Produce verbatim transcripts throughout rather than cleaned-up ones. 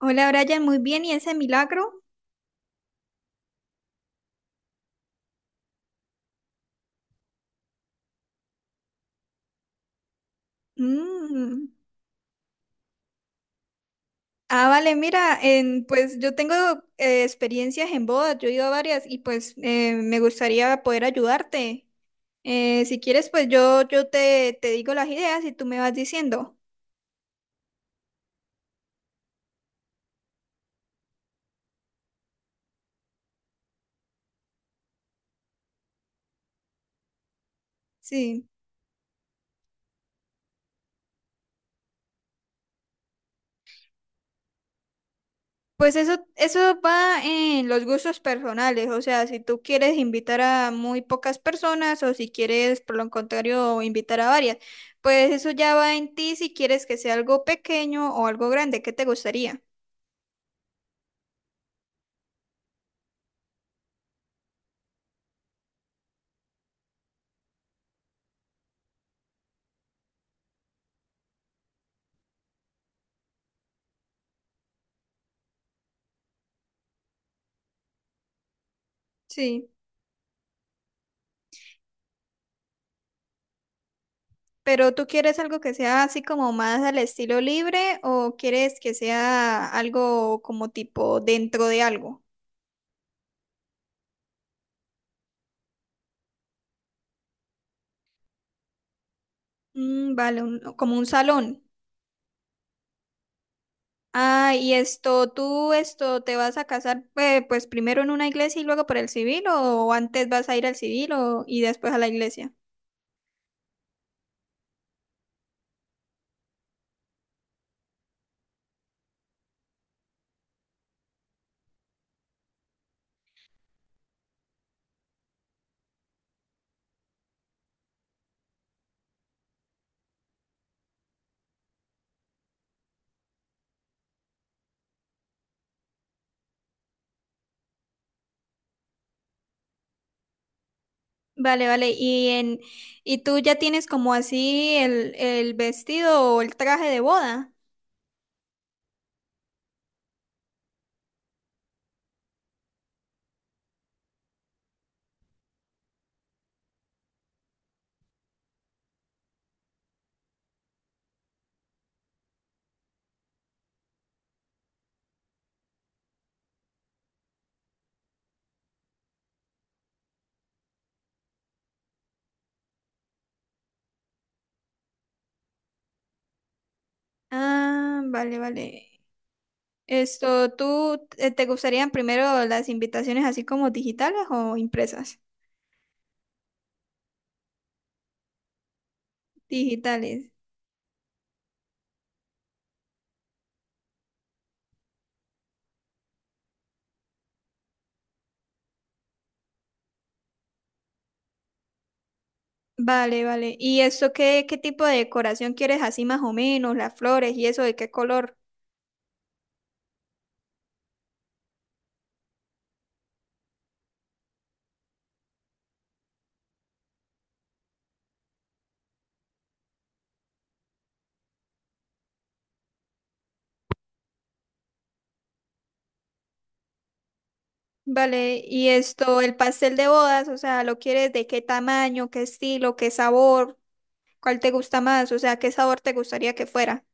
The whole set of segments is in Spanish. Hola Brian, muy bien, ¿y ese milagro? Mm. Ah, vale, mira, en- pues yo tengo eh, experiencias en bodas, yo he ido a varias y pues eh, me gustaría poder ayudarte. Eh, si quieres, pues yo, yo te, te digo las ideas y tú me vas diciendo. Sí. Pues eso, eso va en los gustos personales, o sea, si tú quieres invitar a muy pocas personas o si quieres, por lo contrario, invitar a varias, pues eso ya va en ti si quieres que sea algo pequeño o algo grande, ¿qué te gustaría? Sí, pero ¿tú quieres algo que sea así como más al estilo libre o quieres que sea algo como tipo dentro de algo? Mm, vale, un- como un salón. Ah, y esto, ¿tú esto te vas a casar eh, pues primero en una iglesia y luego por el civil o antes vas a ir al civil o, y después a la iglesia? Vale, vale. ¿Y en y tú ya tienes como así el, el vestido o el traje de boda? Ah, vale, vale. Esto, ¿tú eh, te gustarían primero las invitaciones así como digitales o impresas? Digitales. Vale, vale. ¿Y esto qué, qué tipo de decoración quieres así más o menos? Las flores y eso, ¿de qué color? Vale, y esto, el pastel de bodas, o sea, ¿lo quieres de qué tamaño, qué estilo, qué sabor? ¿Cuál te gusta más? O sea, ¿qué sabor te gustaría que fuera?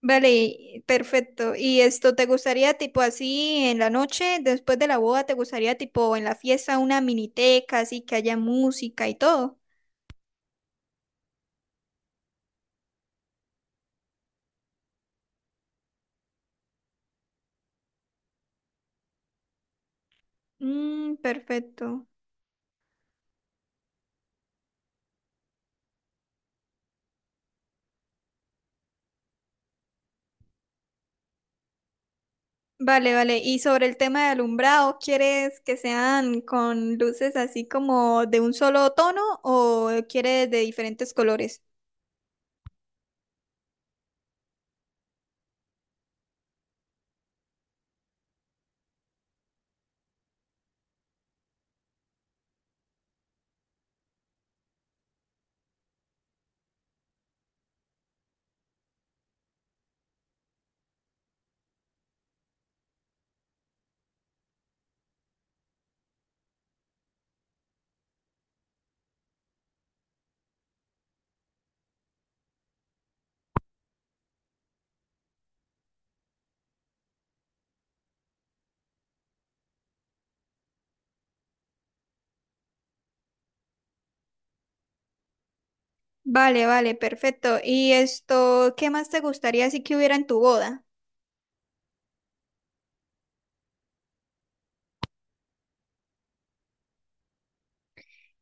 Vale, y- perfecto. ¿Y esto te gustaría tipo así en la noche, después de la boda, te gustaría tipo en la fiesta una miniteca, así que haya música y todo? Mm, perfecto. Vale, vale. Y sobre el tema de alumbrado, ¿quieres que sean con luces así como de un solo tono o quieres de diferentes colores? Vale, vale, perfecto. Y esto, ¿qué más te gustaría si que hubiera en tu boda?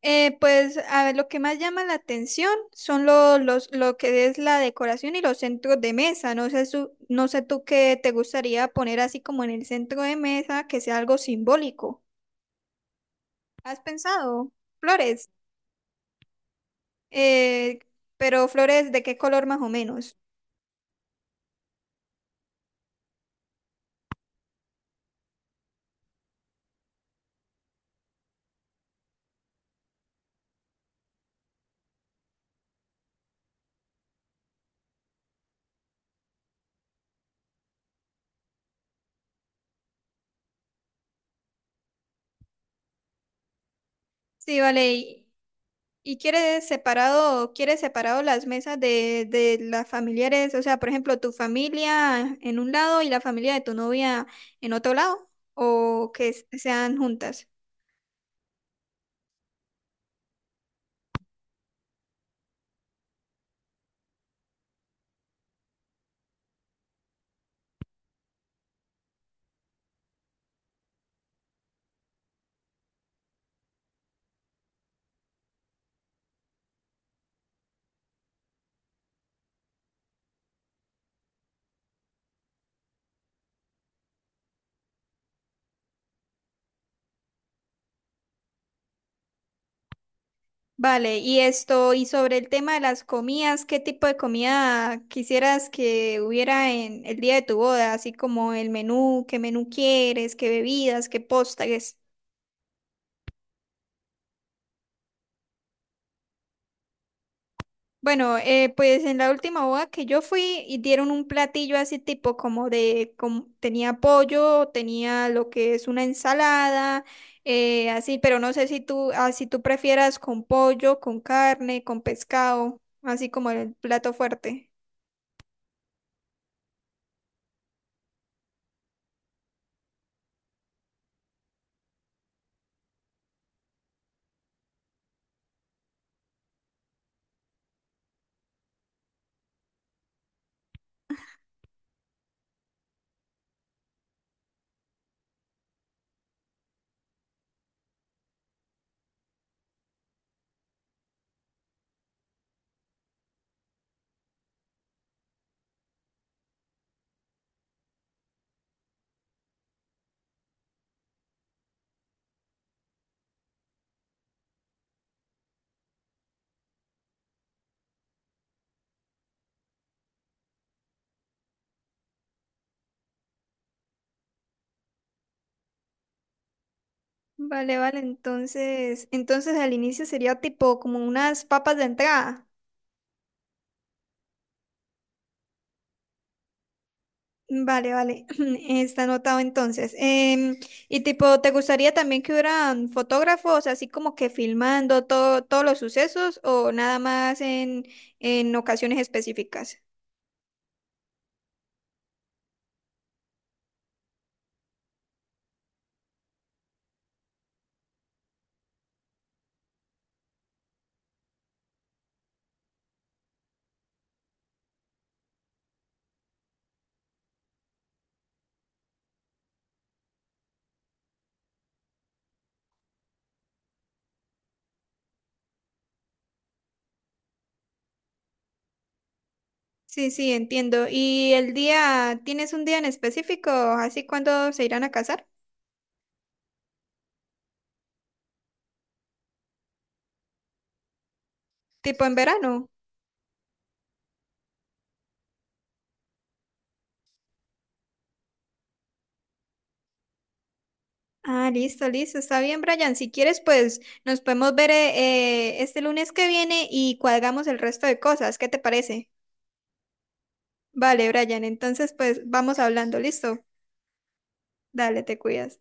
Eh, pues a ver, lo que más llama la atención son los los, lo que es la decoración y los centros de mesa. No sé, su- no sé tú qué te gustaría poner así como en el centro de mesa, que sea algo simbólico. ¿Has pensado? Flores. Eh, pero flores de qué color más o menos. Sí, vale. ¿Y quiere separado, quiere separado las mesas de, de las familiares? O sea, por ejemplo, tu familia en un lado y la familia de tu novia en otro lado, o que s- sean juntas. Vale, y esto, y sobre el tema de las comidas, ¿qué tipo de comida quisieras que hubiera en el día de tu boda? Así como el menú, qué menú quieres, qué bebidas, qué postres. Bueno, eh, pues en la última boda que yo fui y dieron un platillo así tipo como de, como- tenía pollo, tenía lo que es una ensalada, eh, así, pero no sé si tú, ah, si tú prefieras con pollo, con carne, con pescado, así como el plato fuerte. Vale, vale, entonces, entonces al inicio sería tipo como unas papas de entrada. Vale, vale. Está anotado entonces. Em, y tipo, ¿te gustaría también que hubieran fotógrafos así como que filmando todo, todos los sucesos o nada más en, en ocasiones específicas? Sí, sí, entiendo. ¿Y el día, tienes un día en específico, así cuando se irán a casar? Tipo en verano. Ah, listo, listo, está bien, Brian. Si quieres, pues nos podemos ver eh, eh, este lunes que viene y cuadramos el resto de cosas. ¿Qué te parece? Vale, Brian, entonces pues vamos hablando, ¿listo? Dale, te cuidas.